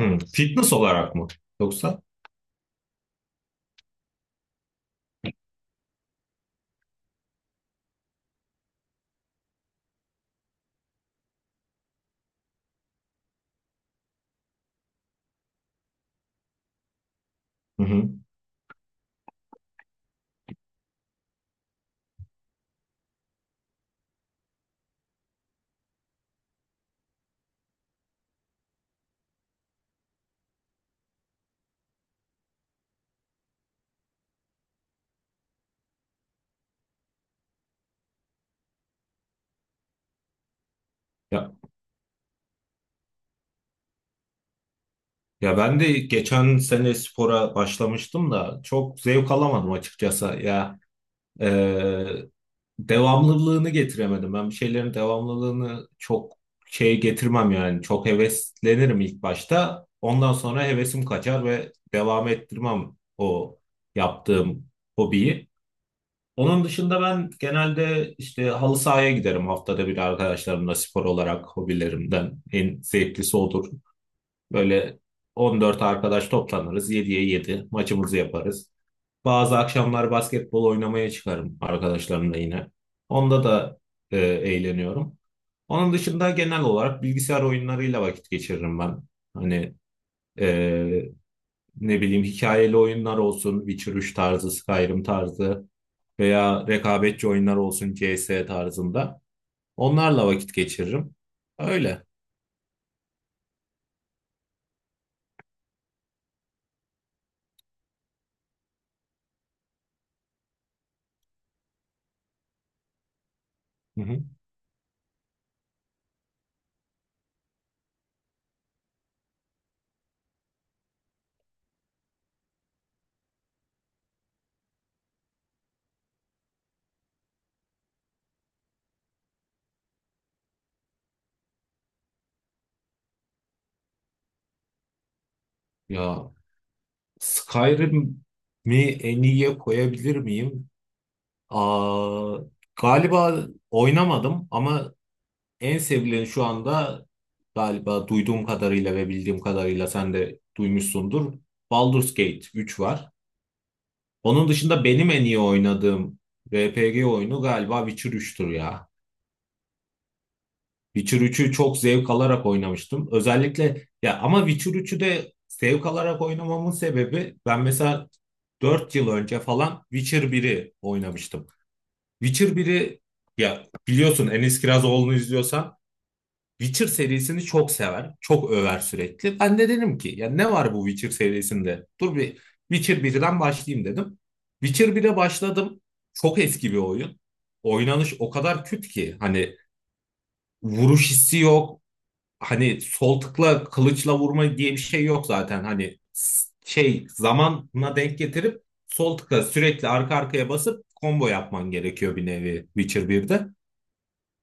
Hı, Fitness olarak mı? Yoksa? Hı hı. Ya, ya, ben de geçen sene spora başlamıştım da çok zevk alamadım açıkçası. Ya e, devamlılığını getiremedim. Ben bir şeylerin devamlılığını çok şey getirmem yani. Çok heveslenirim ilk başta. Ondan sonra hevesim kaçar ve devam ettirmem o yaptığım hobiyi. Onun dışında ben genelde işte halı sahaya giderim haftada bir arkadaşlarımla, spor olarak hobilerimden en zevklisi odur. Böyle 14 arkadaş toplanırız, 7'ye 7 maçımızı yaparız. Bazı akşamlar basketbol oynamaya çıkarım arkadaşlarımla yine. Onda da eğleniyorum. Onun dışında genel olarak bilgisayar oyunlarıyla vakit geçiririm ben. Hani e, ne bileyim, hikayeli oyunlar olsun, Witcher 3 tarzı, Skyrim tarzı, veya rekabetçi oyunlar olsun CS tarzında. Onlarla vakit geçiririm. Öyle. Hı hı. Ya Skyrim'i en iyiye koyabilir miyim? Aa, galiba oynamadım ama en sevilen şu anda, galiba duyduğum kadarıyla ve bildiğim kadarıyla, sen de duymuşsundur. Baldur's Gate 3 var. Onun dışında benim en iyi oynadığım RPG oyunu galiba Witcher 3'tür ya. Witcher 3'ü çok zevk alarak oynamıştım. Özellikle ya, ama Witcher 3'ü de zevk alarak oynamamın sebebi, ben mesela 4 yıl önce falan Witcher 1'i oynamıştım. Witcher 1'i, ya biliyorsun, Enis Kirazoğlu'nu izliyorsan Witcher serisini çok sever, çok över sürekli. Ben de dedim ki ya, ne var bu Witcher serisinde? Dur bir Witcher 1'den başlayayım dedim. Witcher 1'e başladım. Çok eski bir oyun. Oynanış o kadar küt ki hani vuruş hissi yok, hani sol tıkla kılıçla vurma diye bir şey yok zaten. Hani şey zamanına denk getirip sol tıkla sürekli arka arkaya basıp combo yapman gerekiyor, bir nevi Witcher 1'de.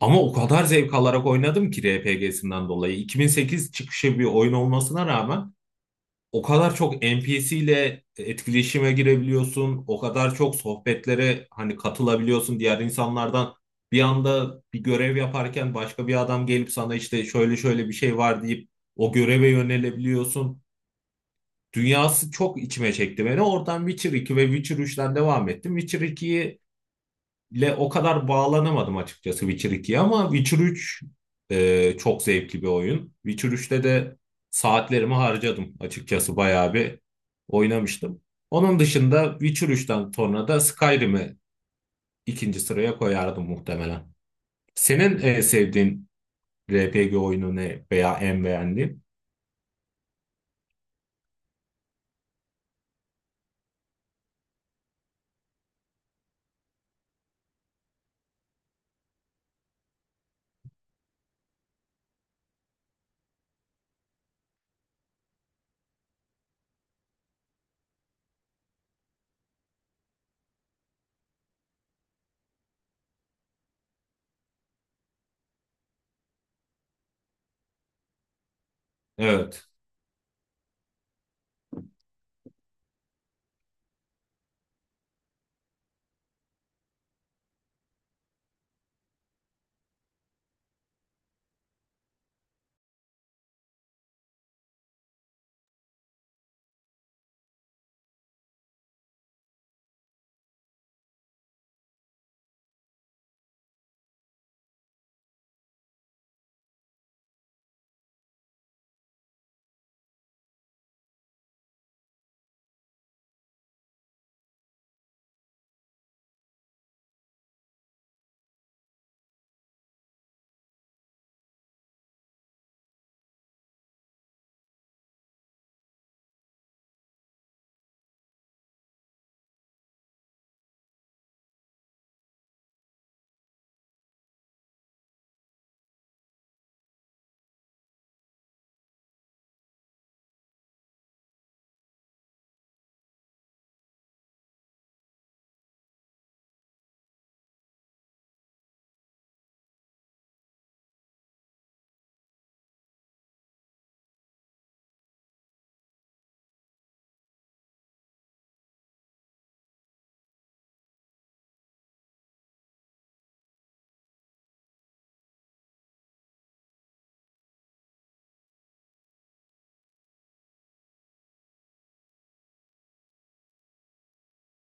Ama o kadar zevk alarak oynadım ki, RPG'sinden dolayı. 2008 çıkışı bir oyun olmasına rağmen o kadar çok N P C ile etkileşime girebiliyorsun, o kadar çok sohbetlere hani katılabiliyorsun diğer insanlardan. Bir anda bir görev yaparken başka bir adam gelip sana işte şöyle şöyle bir şey var deyip o göreve yönelebiliyorsun. Dünyası çok içime çekti beni. Oradan Witcher 2 ve Witcher 3'ten devam ettim. Witcher 2'yi ile o kadar bağlanamadım açıkçası, Witcher 2'ye, ama Witcher 3 çok zevkli bir oyun. Witcher 3'te de saatlerimi harcadım açıkçası, bayağı bir oynamıştım. Onun dışında Witcher 3'ten sonra da Skyrim'i ikinci sıraya koyardım muhtemelen. Senin sevdiğin RPG oyunu ne, veya en beğendiğin? Evet.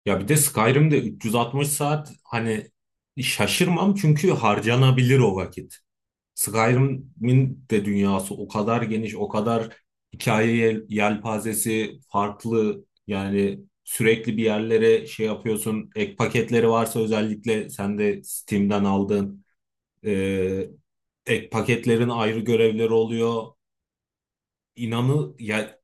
Ya bir de Skyrim'de 360 saat, hani şaşırmam, çünkü harcanabilir o vakit. Skyrim'in de dünyası o kadar geniş, o kadar hikaye yelpazesi farklı. Yani sürekli bir yerlere şey yapıyorsun. Ek paketleri varsa özellikle, sen de Steam'den aldığın e, ek paketlerin ayrı görevleri oluyor. İnanı ya,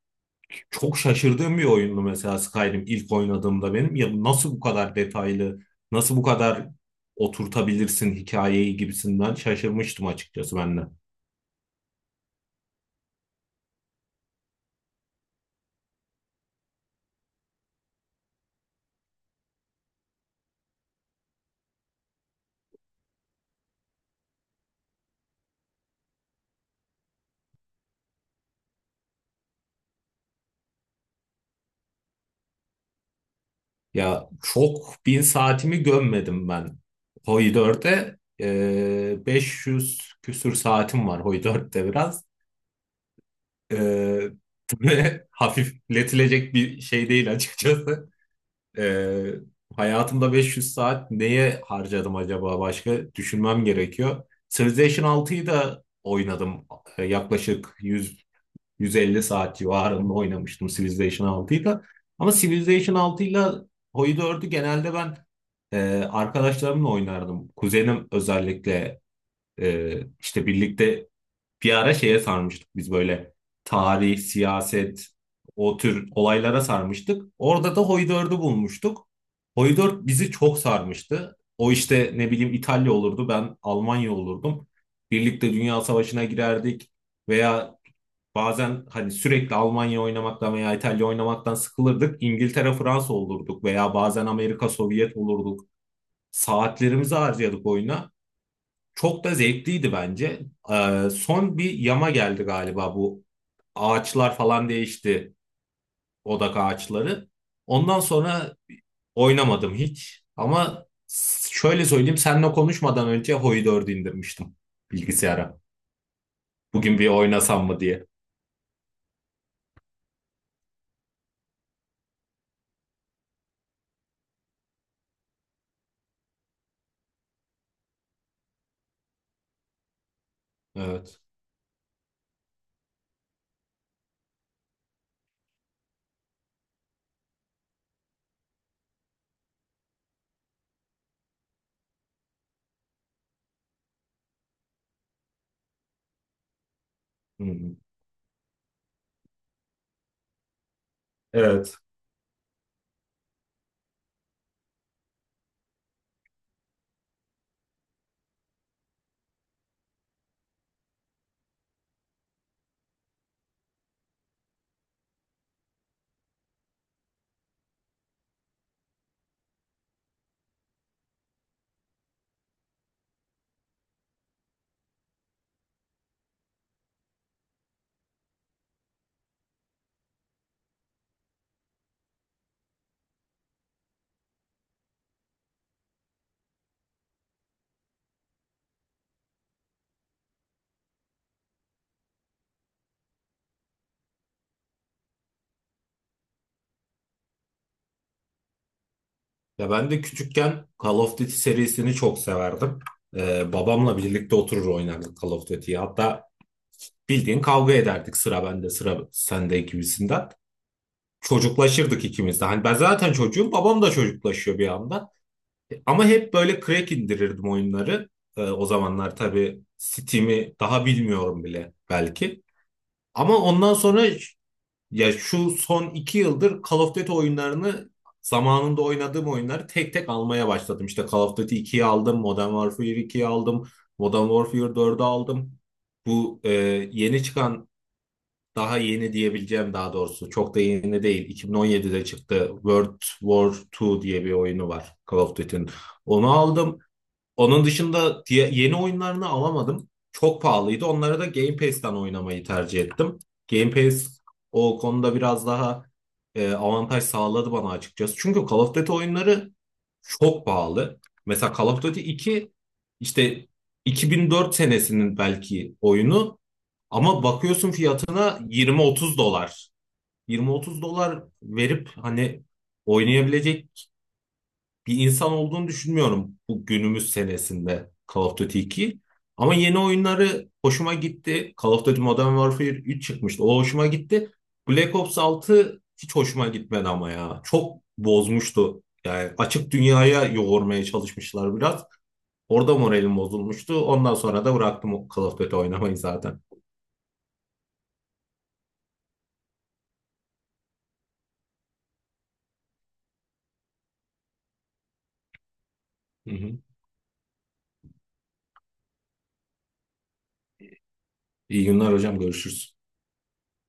çok şaşırdığım bir oyundu mesela Skyrim ilk oynadığımda benim. Ya nasıl bu kadar detaylı, nasıl bu kadar oturtabilirsin hikayeyi gibisinden şaşırmıştım açıkçası ben de. Ya çok bin saatimi gömmedim ben Hoi 4'e. 500 küsür saatim var Hoi 4'te biraz. Ee, Böyle hafifletilecek bir şey değil açıkçası. Ee, Hayatımda 500 saat neye harcadım acaba, başka düşünmem gerekiyor. Civilization 6'yı da oynadım. Yaklaşık 100, 150 saat civarında oynamıştım Civilization 6'yı. Ama Civilization 6 ile Hoi, genelde ben e, arkadaşlarımla oynardım. Kuzenim özellikle e, işte birlikte, bir ara şeye sarmıştık biz böyle, tarih, siyaset, o tür olaylara sarmıştık. Orada da Hoi 4'ü bulmuştuk. Hoi 4 bizi çok sarmıştı. O, işte ne bileyim, İtalya olurdu, ben Almanya olurdum. Birlikte Dünya Savaşı'na girerdik, veya bazen, hani sürekli Almanya oynamaktan veya İtalya oynamaktan sıkılırdık. İngiltere, Fransa olurduk, veya bazen Amerika, Sovyet olurduk. Saatlerimizi harcadık oyuna. Çok da zevkliydi bence. Son bir yama geldi galiba bu. Ağaçlar falan değişti. Odak ağaçları. Ondan sonra oynamadım hiç. Ama şöyle söyleyeyim, seninle konuşmadan önce Hoi 4'ü indirmiştim bilgisayara. Bugün bir oynasam mı diye. Evet. Hı hı. Evet. Ya ben de küçükken Call of Duty serisini çok severdim. Babamla birlikte oturur oynardık Call of Duty'yi. Hatta bildiğin kavga ederdik, sıra bende, sıra sende gibisinden. Çocuklaşırdık ikimiz de. Hani ben zaten çocuğum, babam da çocuklaşıyor bir anda. Ama hep böyle crack indirirdim oyunları. O zamanlar tabii Steam'i daha bilmiyorum bile belki. Ama ondan sonra, ya şu son 2 yıldır Call of Duty oyunlarını, zamanında oynadığım oyunları tek tek almaya başladım. İşte Call of Duty 2'yi aldım, Modern Warfare 2'yi aldım, Modern Warfare 4'ü aldım. Bu yeni çıkan, daha yeni diyebileceğim, daha doğrusu çok da yeni değil, 2017'de çıktı World War 2 diye bir oyunu var Call of Duty'nin. Onu aldım. Onun dışında yeni oyunlarını alamadım. Çok pahalıydı. Onları da Game Pass'ten oynamayı tercih ettim. Game Pass o konuda biraz daha avantaj sağladı bana açıkçası. Çünkü Call of Duty oyunları çok pahalı. Mesela Call of Duty 2, işte 2004 senesinin belki oyunu, ama bakıyorsun fiyatına 20-30 dolar. 20-30 dolar verip hani oynayabilecek bir insan olduğunu düşünmüyorum bu günümüz senesinde Call of Duty 2. Ama yeni oyunları hoşuma gitti. Call of Duty Modern Warfare 3 çıkmıştı. O hoşuma gitti. Black Ops 6 hiç hoşuma gitmedi ama ya. Çok bozmuştu. Yani açık dünyaya yoğurmaya çalışmışlar biraz. Orada moralim bozulmuştu. Ondan sonra da bıraktım Call of Duty oynamayı zaten. Hı hı. İyi günler hocam. Görüşürüz.